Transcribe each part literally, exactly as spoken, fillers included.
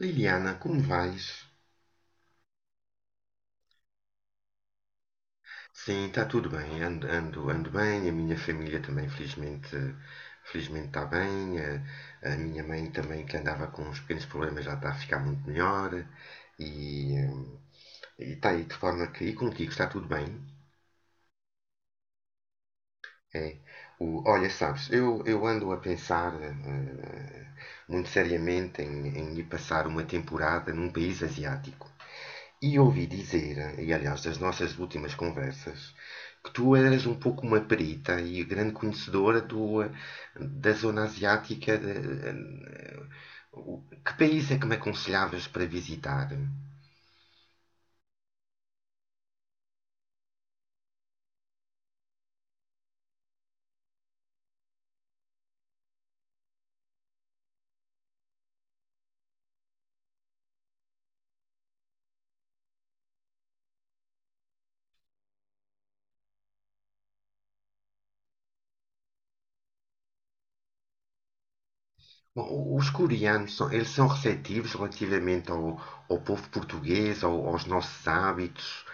Liliana, como vais? Sim, está tudo bem. Ando, ando, ando bem. A minha família também, felizmente, felizmente está bem. A, a minha mãe também, que andava com uns pequenos problemas, já está a ficar muito melhor. E hum, e está aí de forma que. E contigo, está tudo bem? É. O, olha, sabes, eu, eu ando a pensar eh, eh, muito seriamente em, em ir passar uma temporada num país asiático. E ouvi dizer, e aliás das nossas últimas conversas, que tu eras um pouco uma perita e grande conhecedora do, eh, da zona asiática. de- eh, o- que país é que me aconselhavas para visitar? Bom, os coreanos, são, eles são receptivos relativamente ao, ao povo português, ao- aos nossos hábitos.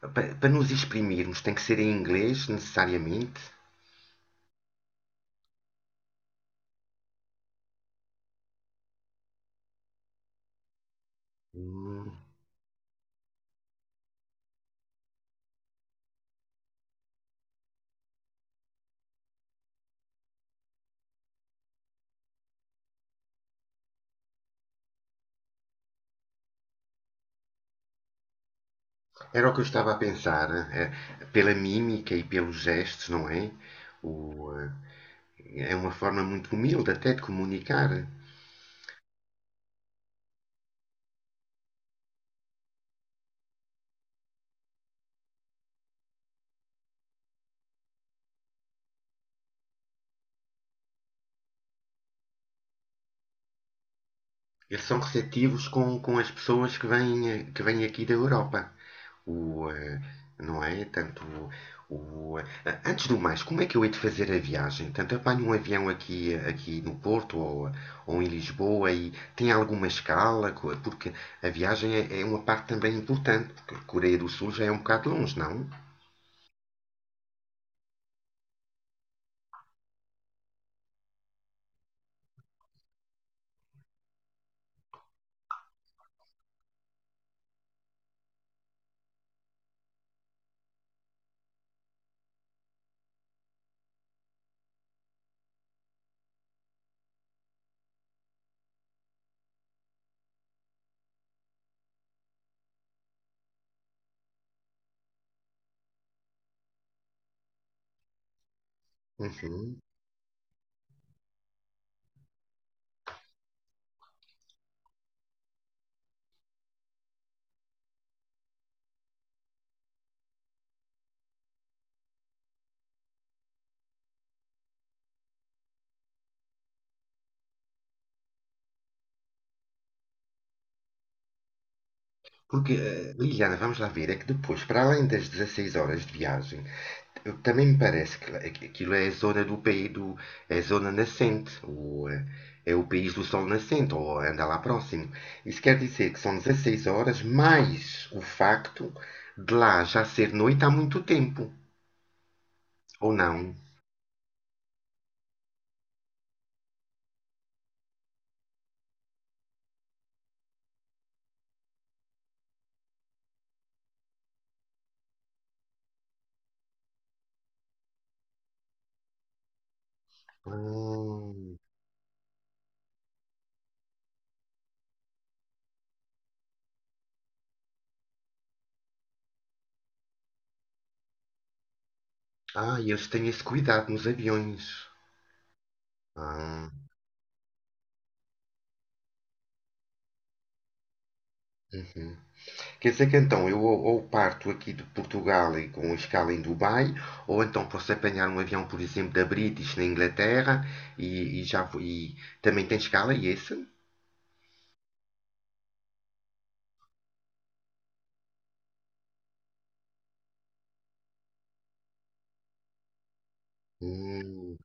Pa- Para nos exprimirmos, tem que ser em inglês, necessariamente? Hum. Era o que eu estava a pensar, eh, pela mímica e pelos gestos, não é? O, eh, é uma forma muito humilde até de comunicar. Eles são receptivos com, com as pessoas que vêm, eh, que vêm aqui da Europa. O, eh, não é? Tanto o, eh, antes do mais, como é que eu hei de fazer a viagem? Tanto apanho um avião aqui, aqui no Porto ou, ou em Lisboa e tem alguma escala? Porque a viagem é, é uma parte também importante, porque a Coreia do Sul já é um bocado longe, não? Uhum. Porque, eh, Liliana, vamos lá ver, é que depois, para além das dezasseis horas de viagem, eu- também me parece que lá- aqu- aquilo é a zona do país do, é a zona nascente, ou eh, é o país do sol nascente, ou anda lá próximo. Isso quer dizer que são dezasseis horas mais o facto de lá já ser noite há muito tempo, ou não? Ah, ah, eles têm esse cuidado nos aviões. Ah. Uhum. Quer dizer que então eu ou parto aqui de Portugal e com escala em Dubai, ou então posso apanhar um avião, por exemplo, da British na Inglaterra e, e já vou- e também tem escala e esse? Hum.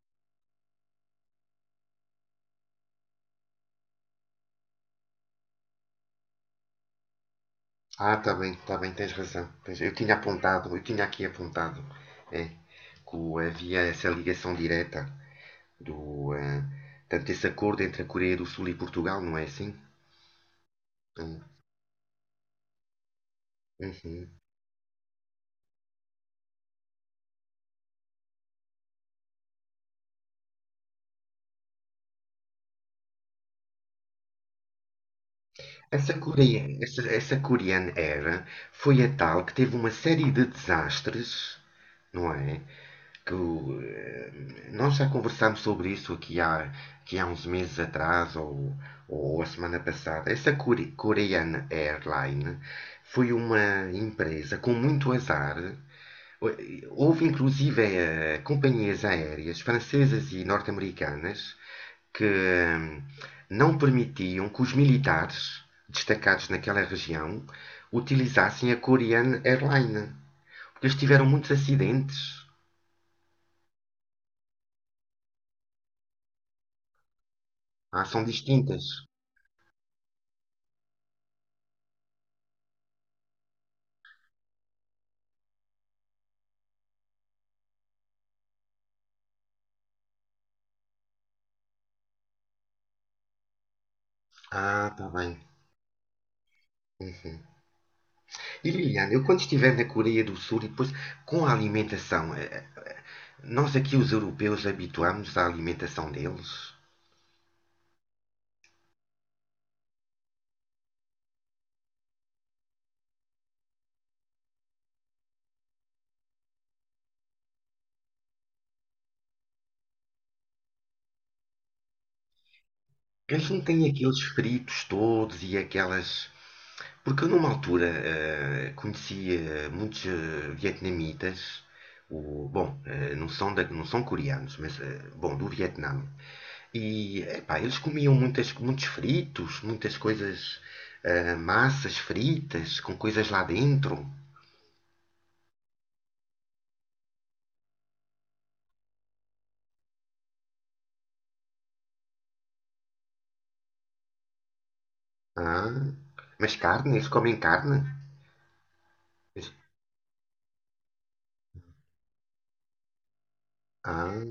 Ah, tá bem, tá bem, tens razão. Tens- Eu tinha apontado, eu tinha aqui apontado, é, que o- havia essa ligação direta do, eh, tanto esse acordo entre a Coreia do Sul e Portugal, não é assim? Hum. Uhum. Essa coreana, essa, essa coreana era, foi a tal que teve uma série de desastres, não é? Que o, eh, nós já conversámos sobre isso aqui há, aqui há uns meses atrás ou, ou a semana passada. Essa core- coreana Airline foi uma empresa com muito azar. Houve inclusive eh, companhias aéreas francesas e norte-americanas que hum, não permitiam que os militares destacados naquela região utilizassem a Korean Airline. Porque eles tiveram muitos acidentes. Ah, são distintas. Ah, tá bem. Uhum. E Liliana, eu quando estiver na Coreia do Sul e depois com a alimentação, eh, nós aqui os europeus habituámos à alimentação deles? Eles não tem aqueles fritos todos e aquelas. Porque eu, numa altura, eh, conhecia muitos eh, vietnamitas. O, bom, eh, não são, da- não são coreanos, mas eh, bom, do Vietnã. E epá, eles comiam muitas, muitos fritos, muitas coisas, eh, massas fritas com coisas lá dentro. Ah, mas carne, eles comem carne? Ah,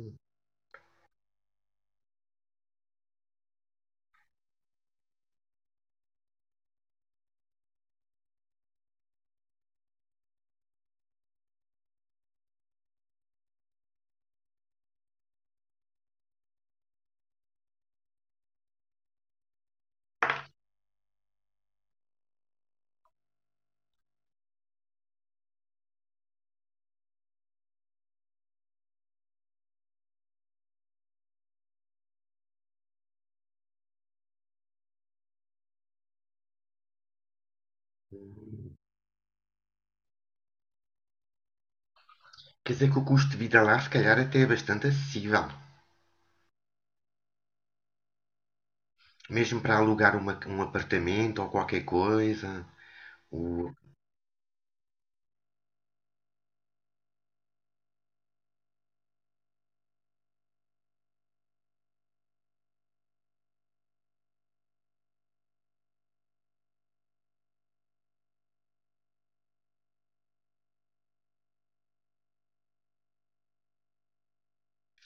quer dizer que o custo de vida lá se calhar até é bastante acessível. Mesmo para alugar uma- um apartamento ou qualquer coisa. O-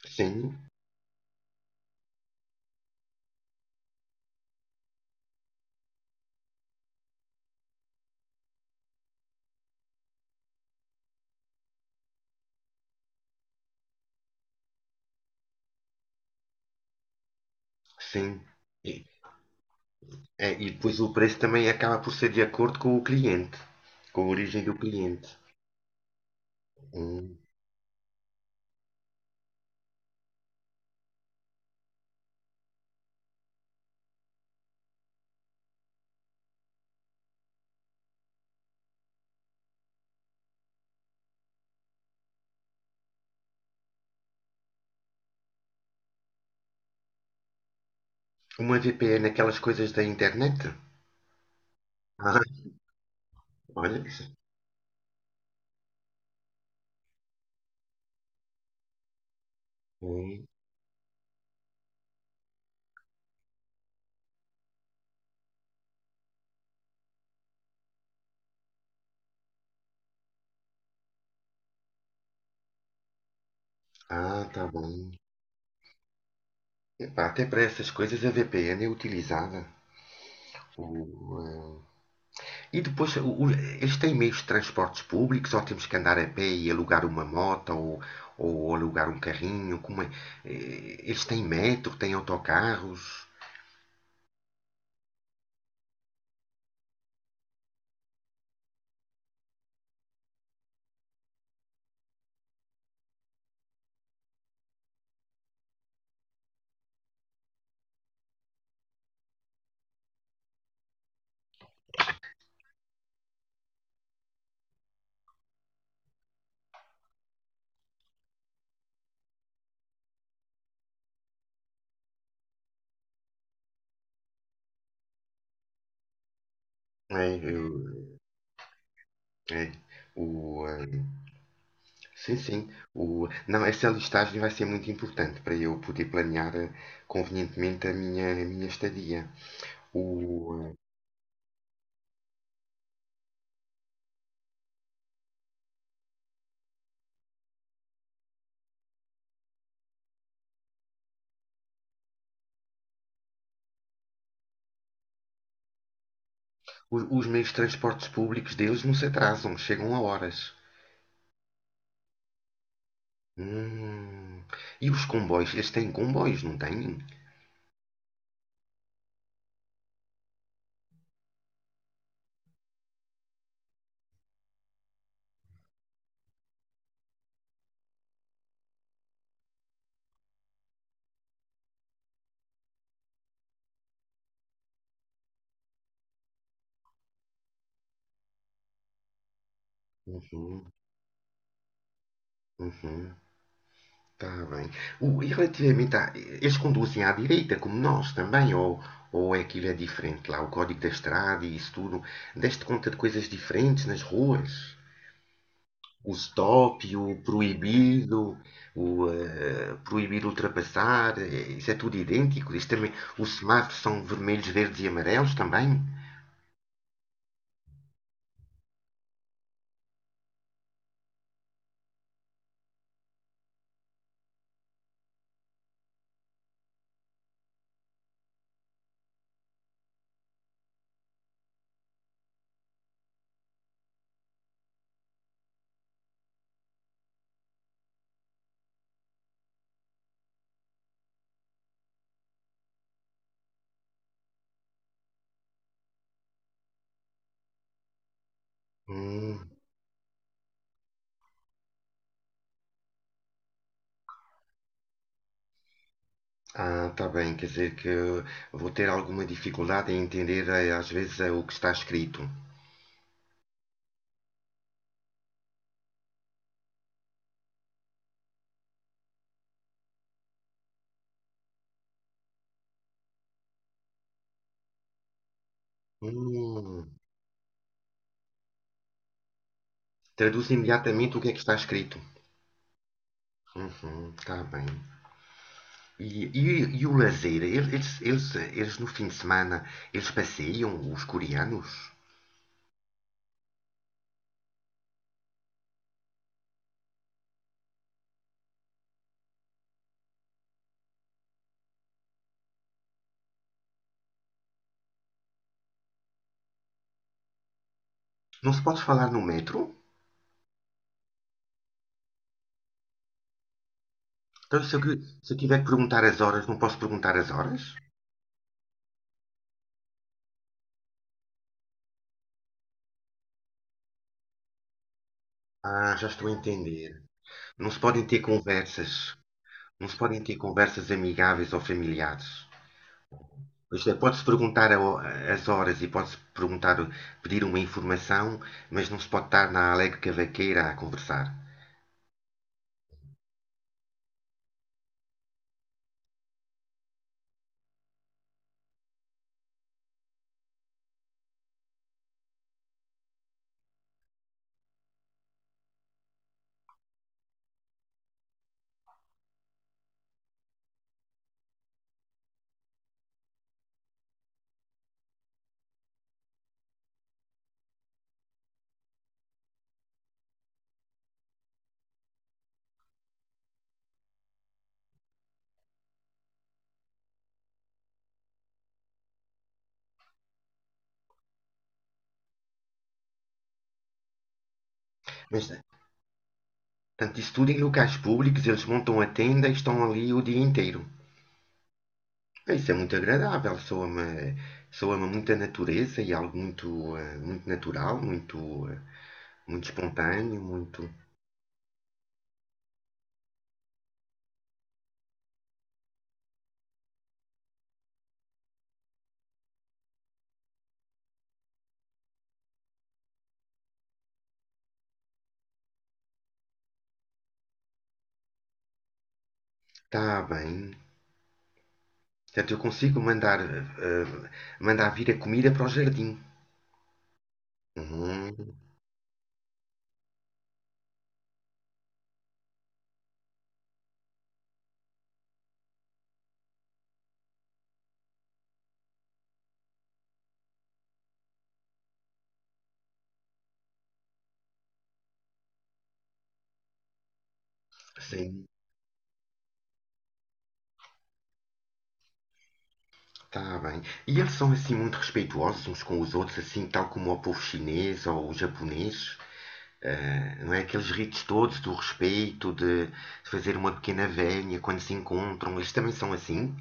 sim, sim. E, é, e depois o preço também acaba por ser de acordo com o cliente, com a origem do cliente. Hum. Uma V P N, aquelas coisas da internet? Ah, olha. Isso- hum. Ah, tá bom. Epá, até para essas coisas a V P N é utilizada. O, eh, E depois, o- o- eles têm meios de transportes públicos ou temos que andar a pé e alugar uma moto ou, ou alugar um carrinho? Como é? Eh, eles têm metro, têm autocarros? É, eu- é, o, ah, sim, sim. O, não, essa listagem vai ser muito importante para eu poder planear ah, convenientemente a minha, a minha estadia. O, ah, o- os meios de transportes públicos deles não se atrasam, chegam a horas. Hum. E os comboios? Eles têm comboios, não têm? Uhum, uhum, tá bem. O- e relativamente a. Eles conduzem à direita, como nós também, ou, ou é aquilo é diferente lá, o código da estrada e isso tudo. Deste conta de coisas diferentes nas ruas? O stop, o proibido, o eh, proibido ultrapassar, eh, isso é tudo idêntico. Isto também, os semáforos são vermelhos, verdes e amarelos também? Hum, ah, tá bem, quer dizer que eu vou ter alguma dificuldade em entender eh, às vezes eh, o que está escrito. Hum, traduz imediatamente o que é que está escrito. Uhum, está bem. E, e, e o lazer? Eles, eles, eles, eles no fim de semana, eles passeiam, os coreanos? Não se pode falar no metro? Então, se eu, se eu tiver que perguntar as horas, não posso perguntar as horas? Ah, já estou a entender. Não se podem ter conversas. Não se podem ter conversas amigáveis ou familiares. Pois é, pode-se perguntar ao- as horas e pode-se perguntar, pedir uma informação, mas não se pode estar na alegre cavaqueira a conversar. Mas, tanto isso tudo em locais públicos, eles montam a tenda e estão ali o dia inteiro. É, isso é muito agradável, soa-me soa muita natureza e algo muito, eh, muito natural, muito, eh, muito espontâneo, muito... Está bem. Portanto, eu consigo mandar, eh, eh, mandar vir a comida para o jardim. Hum, sim. Tá bem. E eles são assim muito respeitosos uns com os outros, assim tal como o povo chinês ou o japonês? Eh, não é? Aqueles ritos todos do respeito, de, de fazer uma pequena velha quando se encontram, eles também são assim?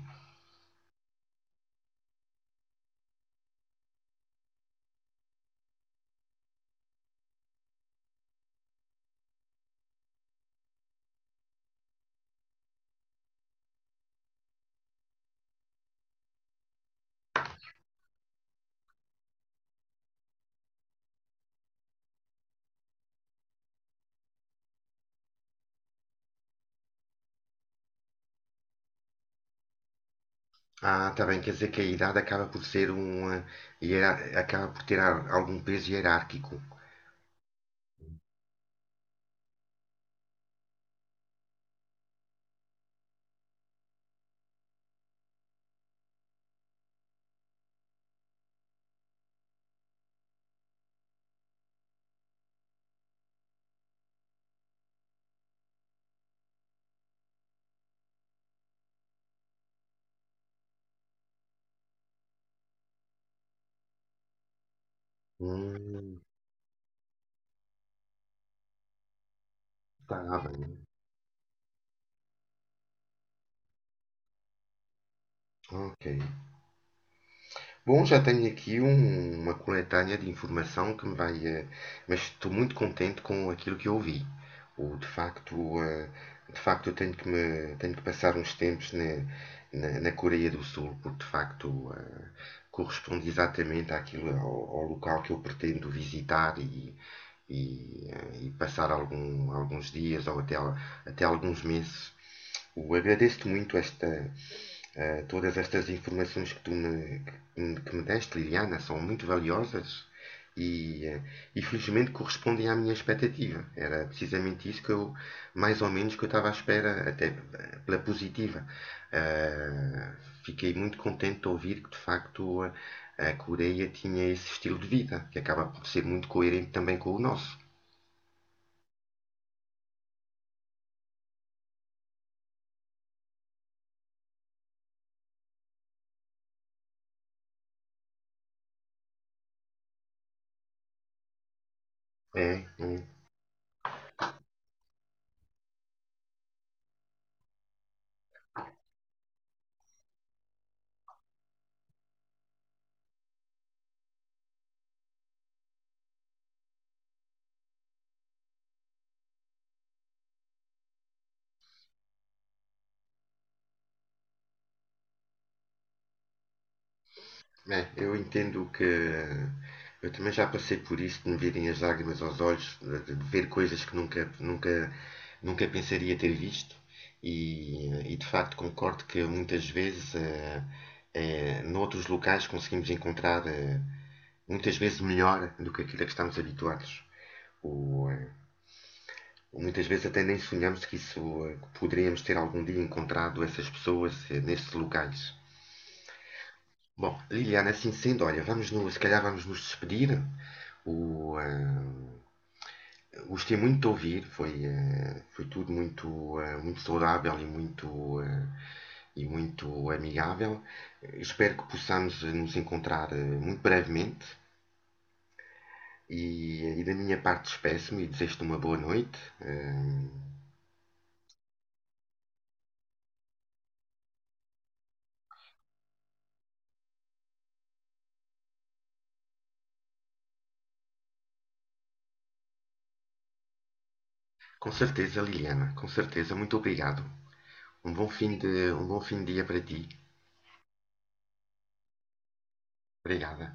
Ah, tá bem, quer dizer que a idade acaba por ser um. Eh, hiera- acaba por ter a- algum peso hierárquico. Hum, tá bem. Ok. Bom, já tenho aqui um- uma coletânea de informação que me vai. Eh, mas estou muito contente com aquilo que eu ouvi. O, de facto, eh, de facto eu tenho que, me, tenho que passar uns tempos na, na, na Coreia do Sul, porque de facto eh, corresponde exatamente àquilo, ao, ao local que eu pretendo visitar e, e, eh, e passar algum- alguns dias ou até, al- até alguns meses. Eu agradeço-te muito esta, eh, todas estas informações que tu me, que me- que me deste, Liliana, são muito valiosas e, eh, e felizmente correspondem à minha expectativa. Era precisamente isso que eu, mais ou menos, que eu estava à espera, até eh, pela positiva. Eh, fiquei muito contente de ouvir que, de facto, a, a Coreia tinha esse estilo de vida, que acaba por ser muito coerente também com o nosso. É, é. É, eu entendo que eu também já passei por isso de me virem as lágrimas aos olhos, de de ver coisas que nunca, nunca, nunca pensaria ter visto. E, e, de facto concordo que muitas vezes eh, eh, noutros locais conseguimos encontrar eh, muitas vezes melhor do que aquilo a que estamos habituados. Ou, eh, muitas vezes até nem sonhamos que isso eh, que poderíamos ter algum dia encontrado essas pessoas eh, nesses locais. Bom, Liliana, é assim sendo, olha, vamos no, se calhar vamos nos despedir. O, ah, gostei muito de ouvir, foi, ah, foi tudo muito, ah, muito saudável e muito, ah, e muito amigável. Espero que possamos nos encontrar ah, muito brevemente. E, e da minha parte despeço-me e desejo-te uma boa noite. Ah, com certeza, Liliana, com certeza. Muito obrigado. Um bom fim de, um bom fim de dia para ti. Obrigada.